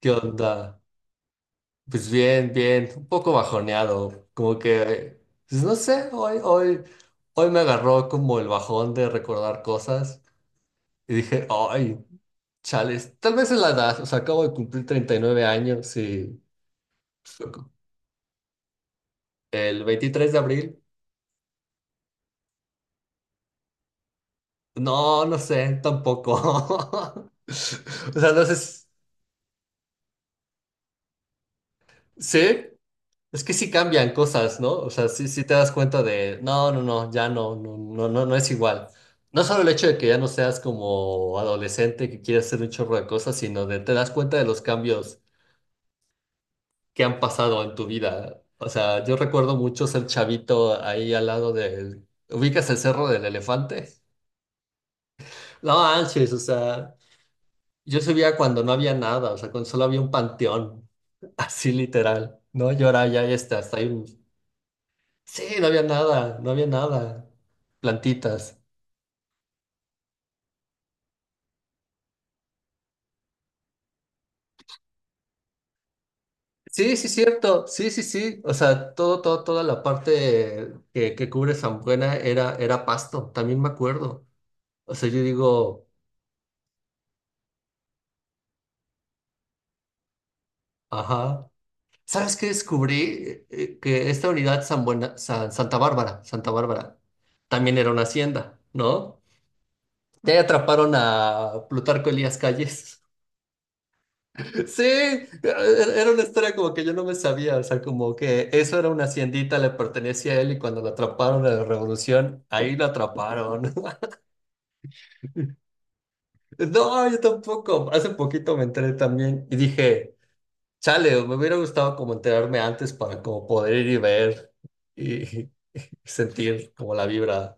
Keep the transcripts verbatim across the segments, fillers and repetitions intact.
¿Qué onda? Pues bien, bien, un poco bajoneado, como que, pues no sé, hoy, hoy, hoy me agarró como el bajón de recordar cosas y dije, ay, chales, tal vez es la edad, o sea, acabo de cumplir treinta y nueve años y el veintitrés de abril, no, no sé, tampoco. O sea, no sé, si- ¿sí? Es que sí cambian cosas, ¿no? O sea, sí, sí te das cuenta de, no, no, no, ya no, no, no, no, no es igual. No solo el hecho de que ya no seas como adolescente que quieres hacer un chorro de cosas, sino de te das cuenta de los cambios que han pasado en tu vida. O sea, yo recuerdo mucho ser chavito ahí al lado del... ¿Ubicas el Cerro del Elefante? No, manches, o sea, yo subía cuando no había nada, o sea, cuando solo había un panteón, así literal, ¿no? Y ahora ya, ya está, hasta ahí. Sí, no había nada, no había nada. Plantitas. Sí, sí, cierto. Sí, sí, sí. O sea, todo, todo, toda la parte que, que cubre San Buena era, era pasto, también me acuerdo. O sea, yo digo, ajá. ¿Sabes qué descubrí? Eh, Que esta unidad San Buena, San- Santa Bárbara, Santa Bárbara, también era una hacienda, ¿no? Ya atraparon a Plutarco Elías Calles. Sí, er, era una historia como que yo no me sabía, o sea, como que eso era una haciendita, le pertenecía a él y cuando lo atraparon en la revolución, ahí lo atraparon. No, yo tampoco, hace poquito me enteré también y dije, chale, me hubiera gustado como enterarme antes para como poder ir y ver y y sentir como la vibra,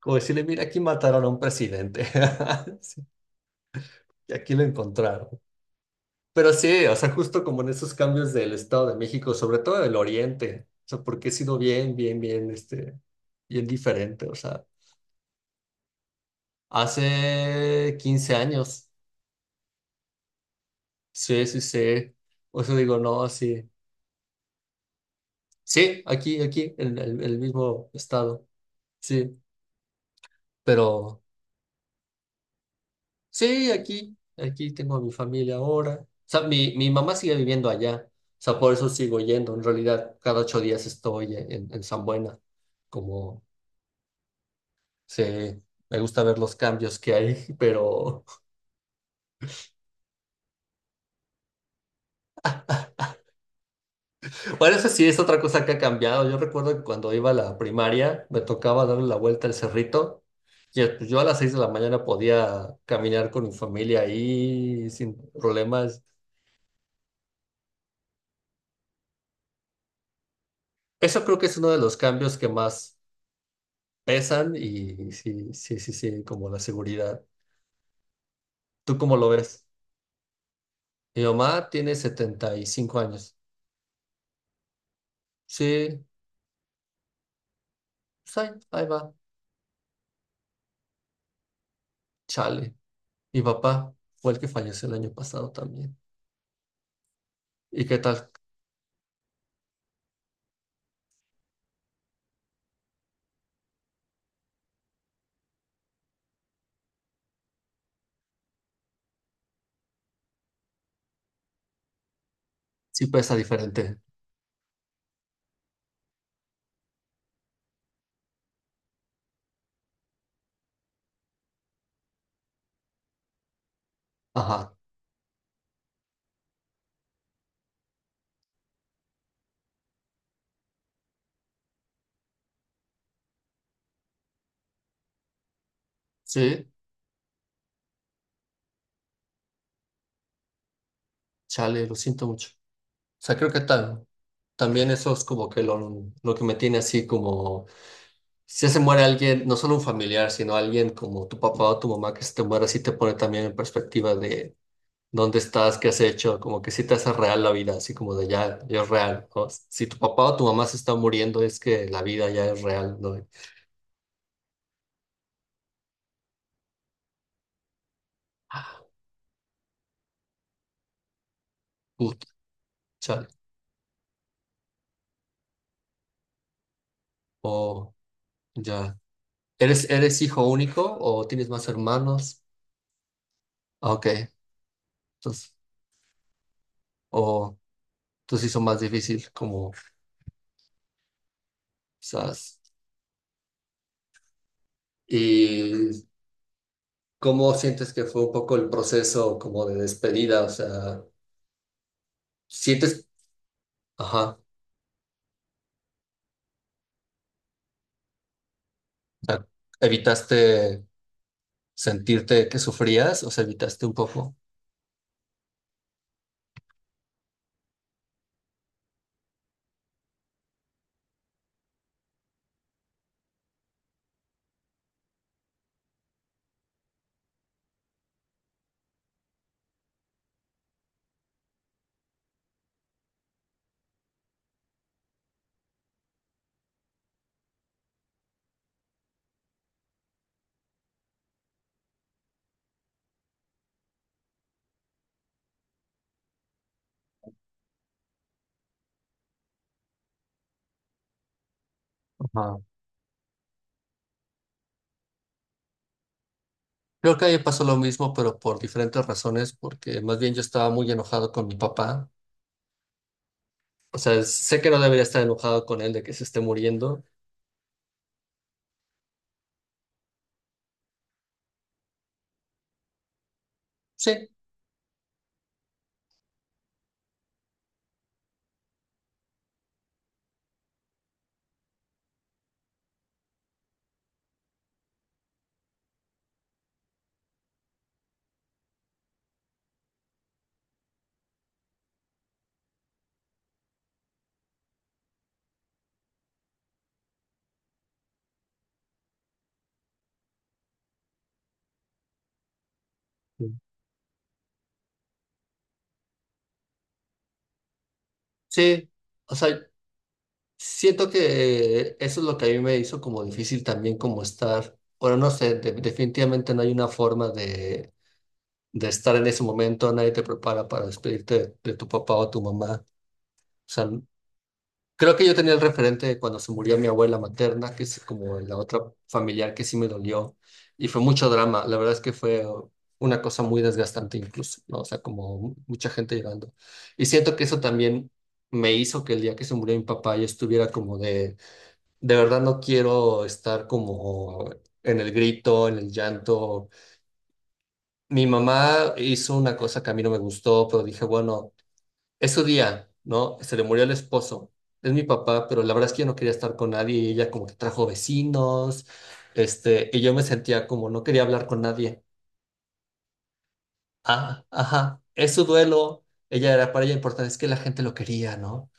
como decirle, mira, aquí mataron a un presidente. Sí, y aquí lo encontraron. Pero sí, o sea, justo como en esos cambios del Estado de México, sobre todo del Oriente, o sea, porque he sido bien, bien, bien, este, bien diferente, o sea, hace quince años, sí, sí, sí, o sea, digo, no, sí, sí, aquí, aquí, en el, el mismo estado, sí, pero sí, aquí, aquí tengo a mi familia ahora, o sea, mi, mi mamá sigue viviendo allá, o sea, por eso sigo yendo, en realidad, cada ocho días estoy en, en San Buena, como. Sí, me gusta ver los cambios que hay, pero bueno, eso sí es otra cosa que ha cambiado. Yo recuerdo que cuando iba a la primaria me tocaba darle la vuelta al cerrito y eh, pues, yo a las seis de la mañana podía caminar con mi familia ahí sin problemas. Eso creo que es uno de los cambios que más pesan y sí, sí, sí, sí, como la seguridad. ¿Tú cómo lo ves? Mi mamá tiene setenta y cinco años. Sí, pues ahí, ahí va, chale. Mi papá fue el que falleció el año pasado también. ¿Y qué tal? Sí pesa diferente. Ajá. Sí, chale, lo siento mucho. O sea, creo que ta- también eso es como que lo, lo que me tiene así como... Si se muere alguien, no solo un familiar, sino alguien como tu papá o tu mamá que se te muere, sí te pone también en perspectiva de dónde estás, qué has hecho, como que sí te hace real la vida, así como de ya, ya es real, ¿no? Si tu papá o tu mamá se está muriendo, es que la vida ya es real, ¿no? Puta, chale. Oh, ya. ¿Eres, eres hijo único o tienes más hermanos? Ah, ok, entonces, o entonces hizo más difícil, como quizás. ¿Y cómo sientes que fue un poco el proceso como de despedida? O sea, ¿sientes, ajá, o sea, evitaste sentirte que sufrías? O sea, evitaste un poco. Ajá. Creo que a mí me pasó lo mismo, pero por diferentes razones, porque más bien yo estaba muy enojado con mi papá. O sea, sé que no debería estar enojado con él de que se esté muriendo. Sí. Sí, o sea, siento que eso es lo que a mí me hizo como difícil también como estar, bueno, no sé, de- definitivamente no hay una forma de, de estar en ese momento, nadie te prepara para despedirte de, de tu papá o tu mamá, o sea. Creo que yo tenía el referente de cuando se murió mi abuela materna, que es como la otra familiar que sí me dolió, y fue mucho drama. La verdad es que fue una cosa muy desgastante incluso, ¿no? O sea, como mu- mucha gente llorando. Y siento que eso también me hizo que el día que se murió mi papá yo estuviera como de, de verdad no quiero estar como en el grito, en el llanto. Mi mamá hizo una cosa que a mí no me gustó, pero dije, bueno. Es su día, ¿no? Se le murió el esposo. Es mi papá, pero la verdad es que yo no quería estar con nadie y ella como que trajo vecinos, este, y yo me sentía como no quería hablar con nadie. Ah, ajá, es su duelo. Ella era para ella importante, es que la gente lo quería, ¿no?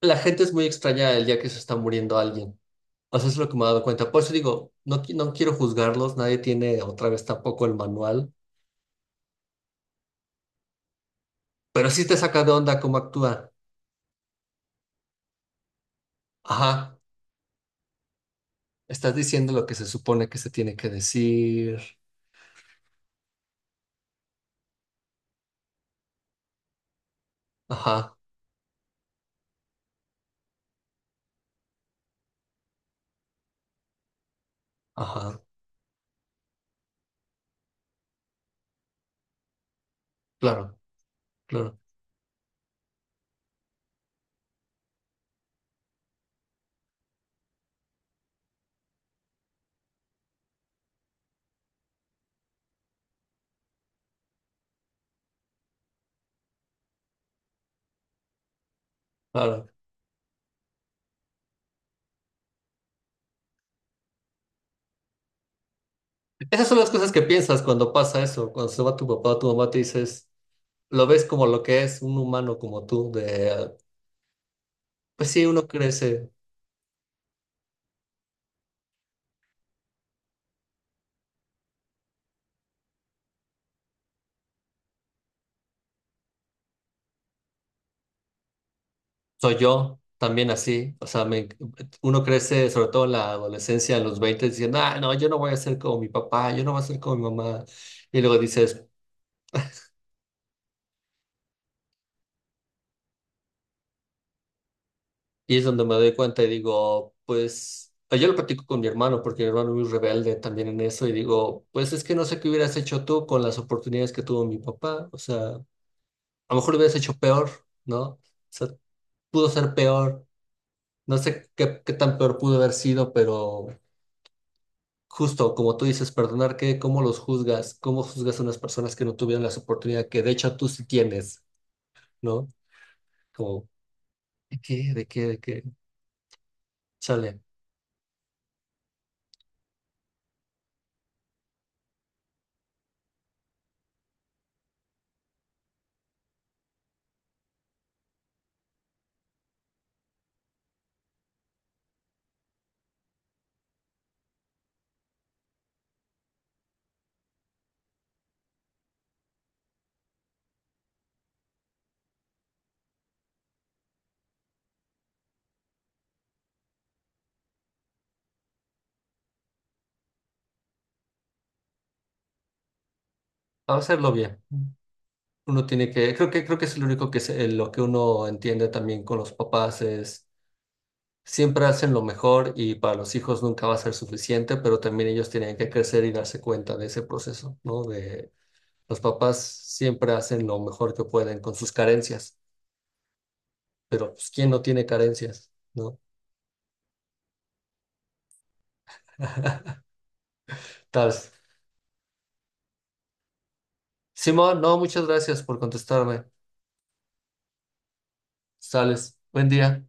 La gente es muy extraña el día que se está muriendo alguien. O sea, eso es lo que me he dado cuenta. Por eso digo, no, qui- no quiero juzgarlos, nadie tiene otra vez tampoco el manual, pero sí te saca de onda cómo actúa. Ajá, estás diciendo lo que se supone que se tiene que decir. Ajá. Ajá, claro, claro, claro. Esas son las cosas que piensas cuando pasa eso, cuando se va tu papá o tu mamá, te dices, lo ves como lo que es, un humano como tú, de, ah, pues sí, uno crece, soy yo también así, o sea, me- uno crece sobre todo en la adolescencia, en los veinte diciendo, ah, no, yo no voy a ser como mi papá, yo no voy a ser como mi mamá, y luego dices, Y es donde me doy cuenta y digo, pues, ah, yo lo platico con mi hermano, porque mi hermano es muy rebelde también en eso, y digo, pues es que no sé qué hubieras hecho tú con las oportunidades que tuvo mi papá, o sea, a lo mejor lo hubieras hecho peor, ¿no? O sea, pudo ser peor, no sé qué, qué tan peor pudo haber sido, pero justo como tú dices, perdonar, ¿qué? ¿Cómo los juzgas? ¿Cómo juzgas a unas personas que no tuvieron las oportunidades que de hecho tú sí tienes, ¿no? Como, ¿de qué? ¿De qué? ¿De qué? Chale, vamos a hacerlo bien. Uno tiene que, creo que, creo que es lo único que es, eh, lo que uno entiende también con los papás es, siempre hacen lo mejor y para los hijos nunca va a ser suficiente, pero también ellos tienen que crecer y darse cuenta de ese proceso, ¿no? De los papás siempre hacen lo mejor que pueden con sus carencias, pero pues, ¿quién no tiene carencias, ¿no? Tal. Simón, no, muchas gracias por contestarme. Sales. Buen día.